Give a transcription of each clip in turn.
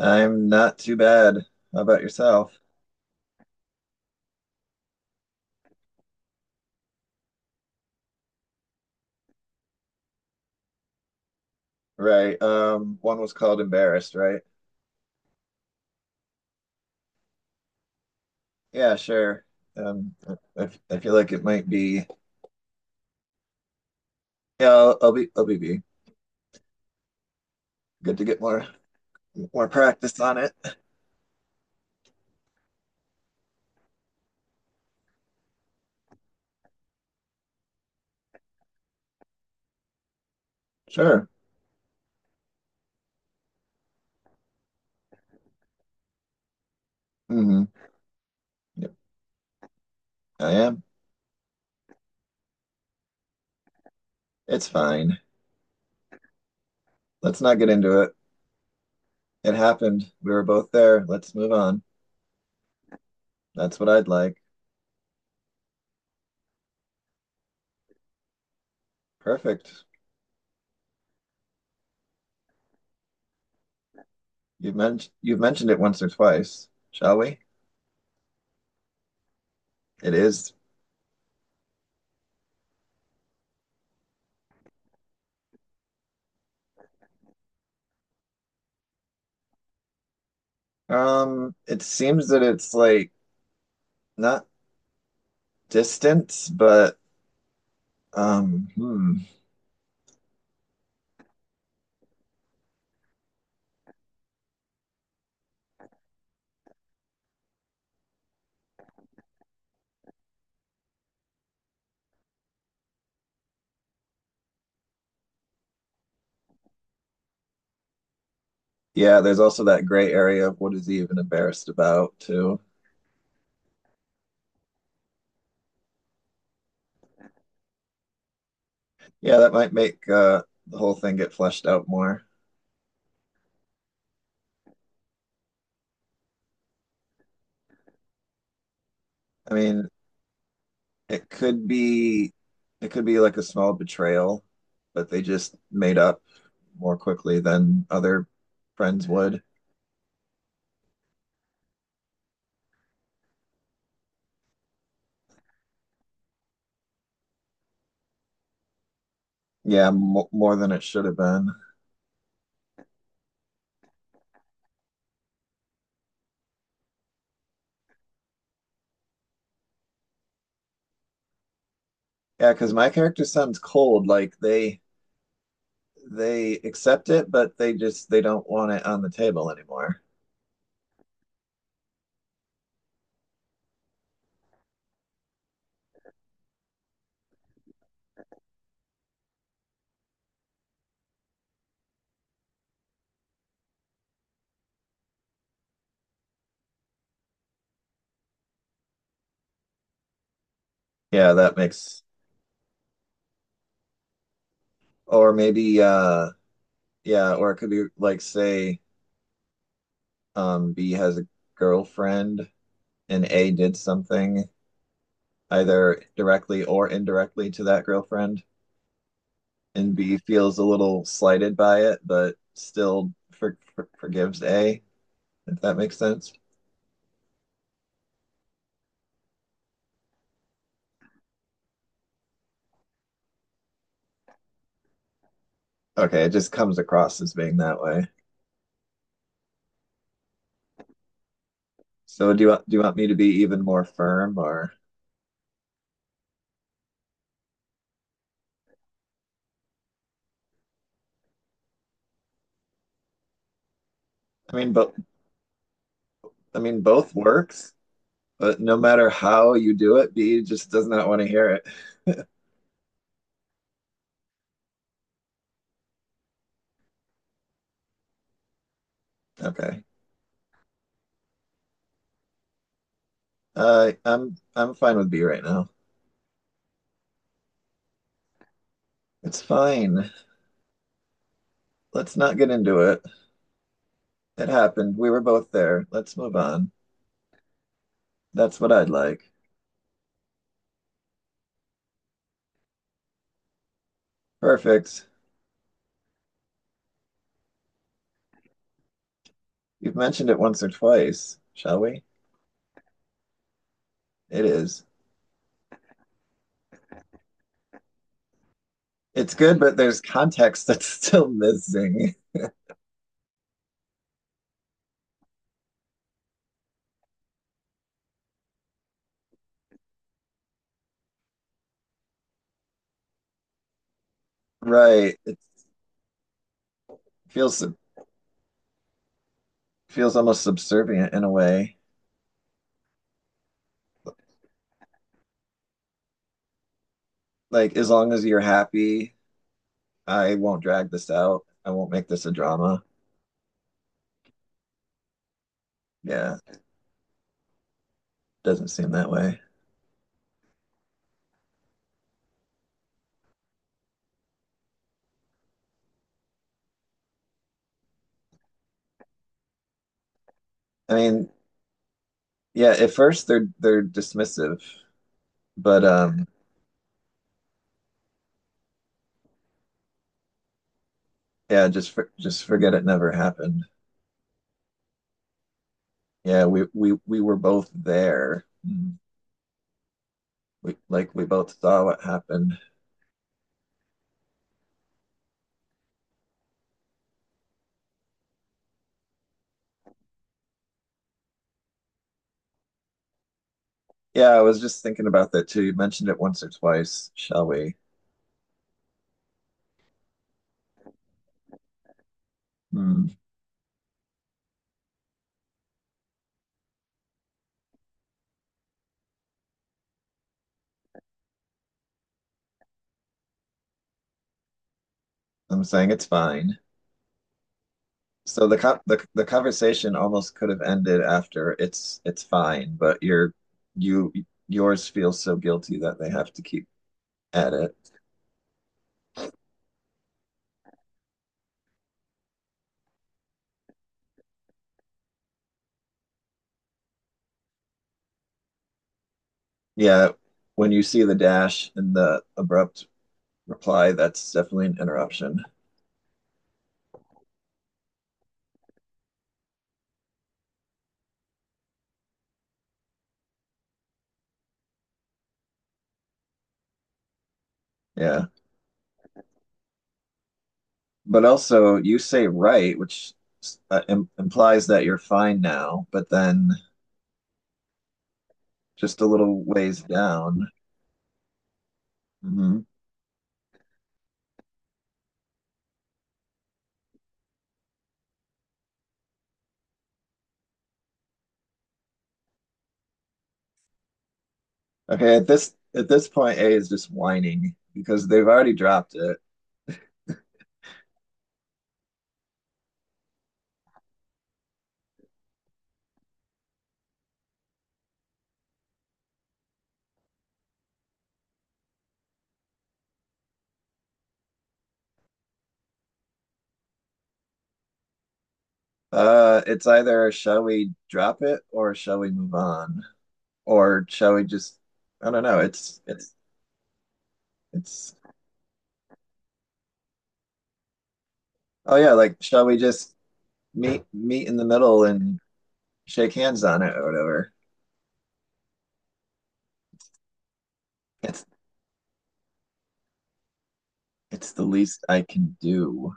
I'm not too bad. How about yourself? Right. One was called Embarrassed, right? Yeah, sure. Um, I, I feel like it might be. Yeah, I'll be good to get more more practice on it. Sure. Mm-hmm. Yep, I am. It's fine. Let's not get into it. It happened. We were both there. Let's move on. That's what I'd like. Perfect. You've mentioned it once or twice. Shall we? It is. It seems that it's like not distance, but um, hmm. yeah, there's also that gray area of what is he even embarrassed about too. Yeah, that might make the whole thing get fleshed out more. I mean, it could be it could be like a small betrayal, but they just made up more quickly than other friends would. Yeah, mo more than it should have been. Yeah, because my character sounds cold. Like they accept it, but they just they don't want it on the table anymore. Yeah, that makes, or maybe, yeah, or it could be like, say, B has a girlfriend and A did something either directly or indirectly to that girlfriend, and B feels a little slighted by it, but still forgives A, if that makes sense. Okay, it just comes across as being that way. So do you want me to be even more firm, or I mean, both? I mean, both works, but no matter how you do it, B just does not want to hear it. Okay. I'm fine with B right now. It's fine. Let's not get into it. It happened. We were both there. Let's move on. That's what I'd like. Perfect. You've mentioned it once or twice, shall we? It is. It's good, but there's context that's still missing. Right. It feels feels almost subservient in a way. Like as long as you're happy, I won't drag this out. I won't make this a drama. Yeah, doesn't seem that way. I mean, yeah, at first they're dismissive, but yeah, just forget it never happened. Yeah, we were both there. Mm. We like we both saw what happened. Yeah, I was just thinking about that too. You mentioned it once or twice, shall we? Mm. I'm saying it's fine. So the co the conversation almost could have ended after it's fine, but your you yours feels so guilty that they have to keep at it. Yeah, when you see the dash and the abrupt reply, that's definitely an interruption. Yeah, but also you say right, which im implies that you're fine now, but then just a little ways down. Hmm. Okay, at this point, A is just whining because they've already dropped it. It's either shall we drop it or shall we move on? Or shall we just, I don't know, it's oh yeah, like shall we just meet in the middle and shake hands on it or whatever. It's it's the least I can do.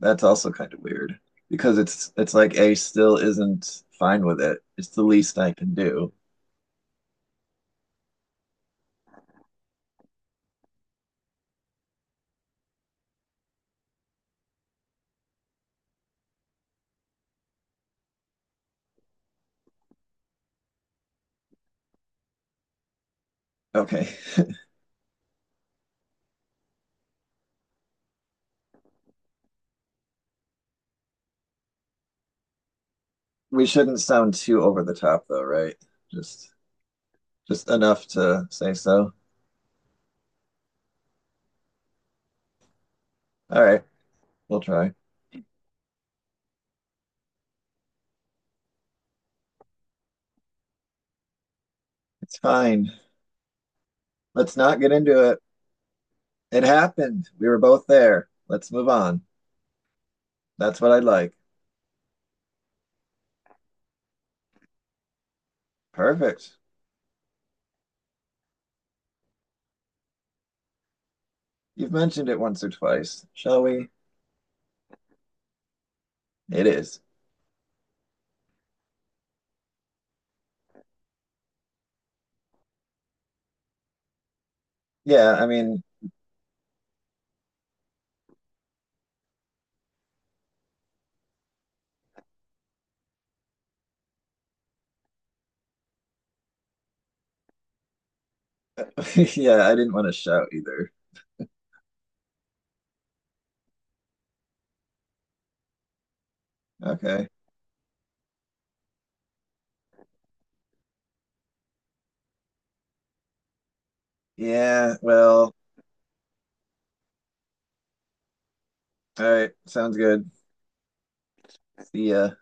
That's also kind of weird because it's like A still isn't fine with it. It's the least I can do. Okay. We shouldn't sound too over the top though, right? Just just enough to say so. All right, we'll try. It's fine. Let's not get into it. It happened. We were both there. Let's move on. That's what I'd like. Perfect. You've mentioned it once or twice. Shall we? It is. Yeah, I mean, yeah, I didn't want to shout either. Okay. Yeah, well, all right. Sounds good. See ya.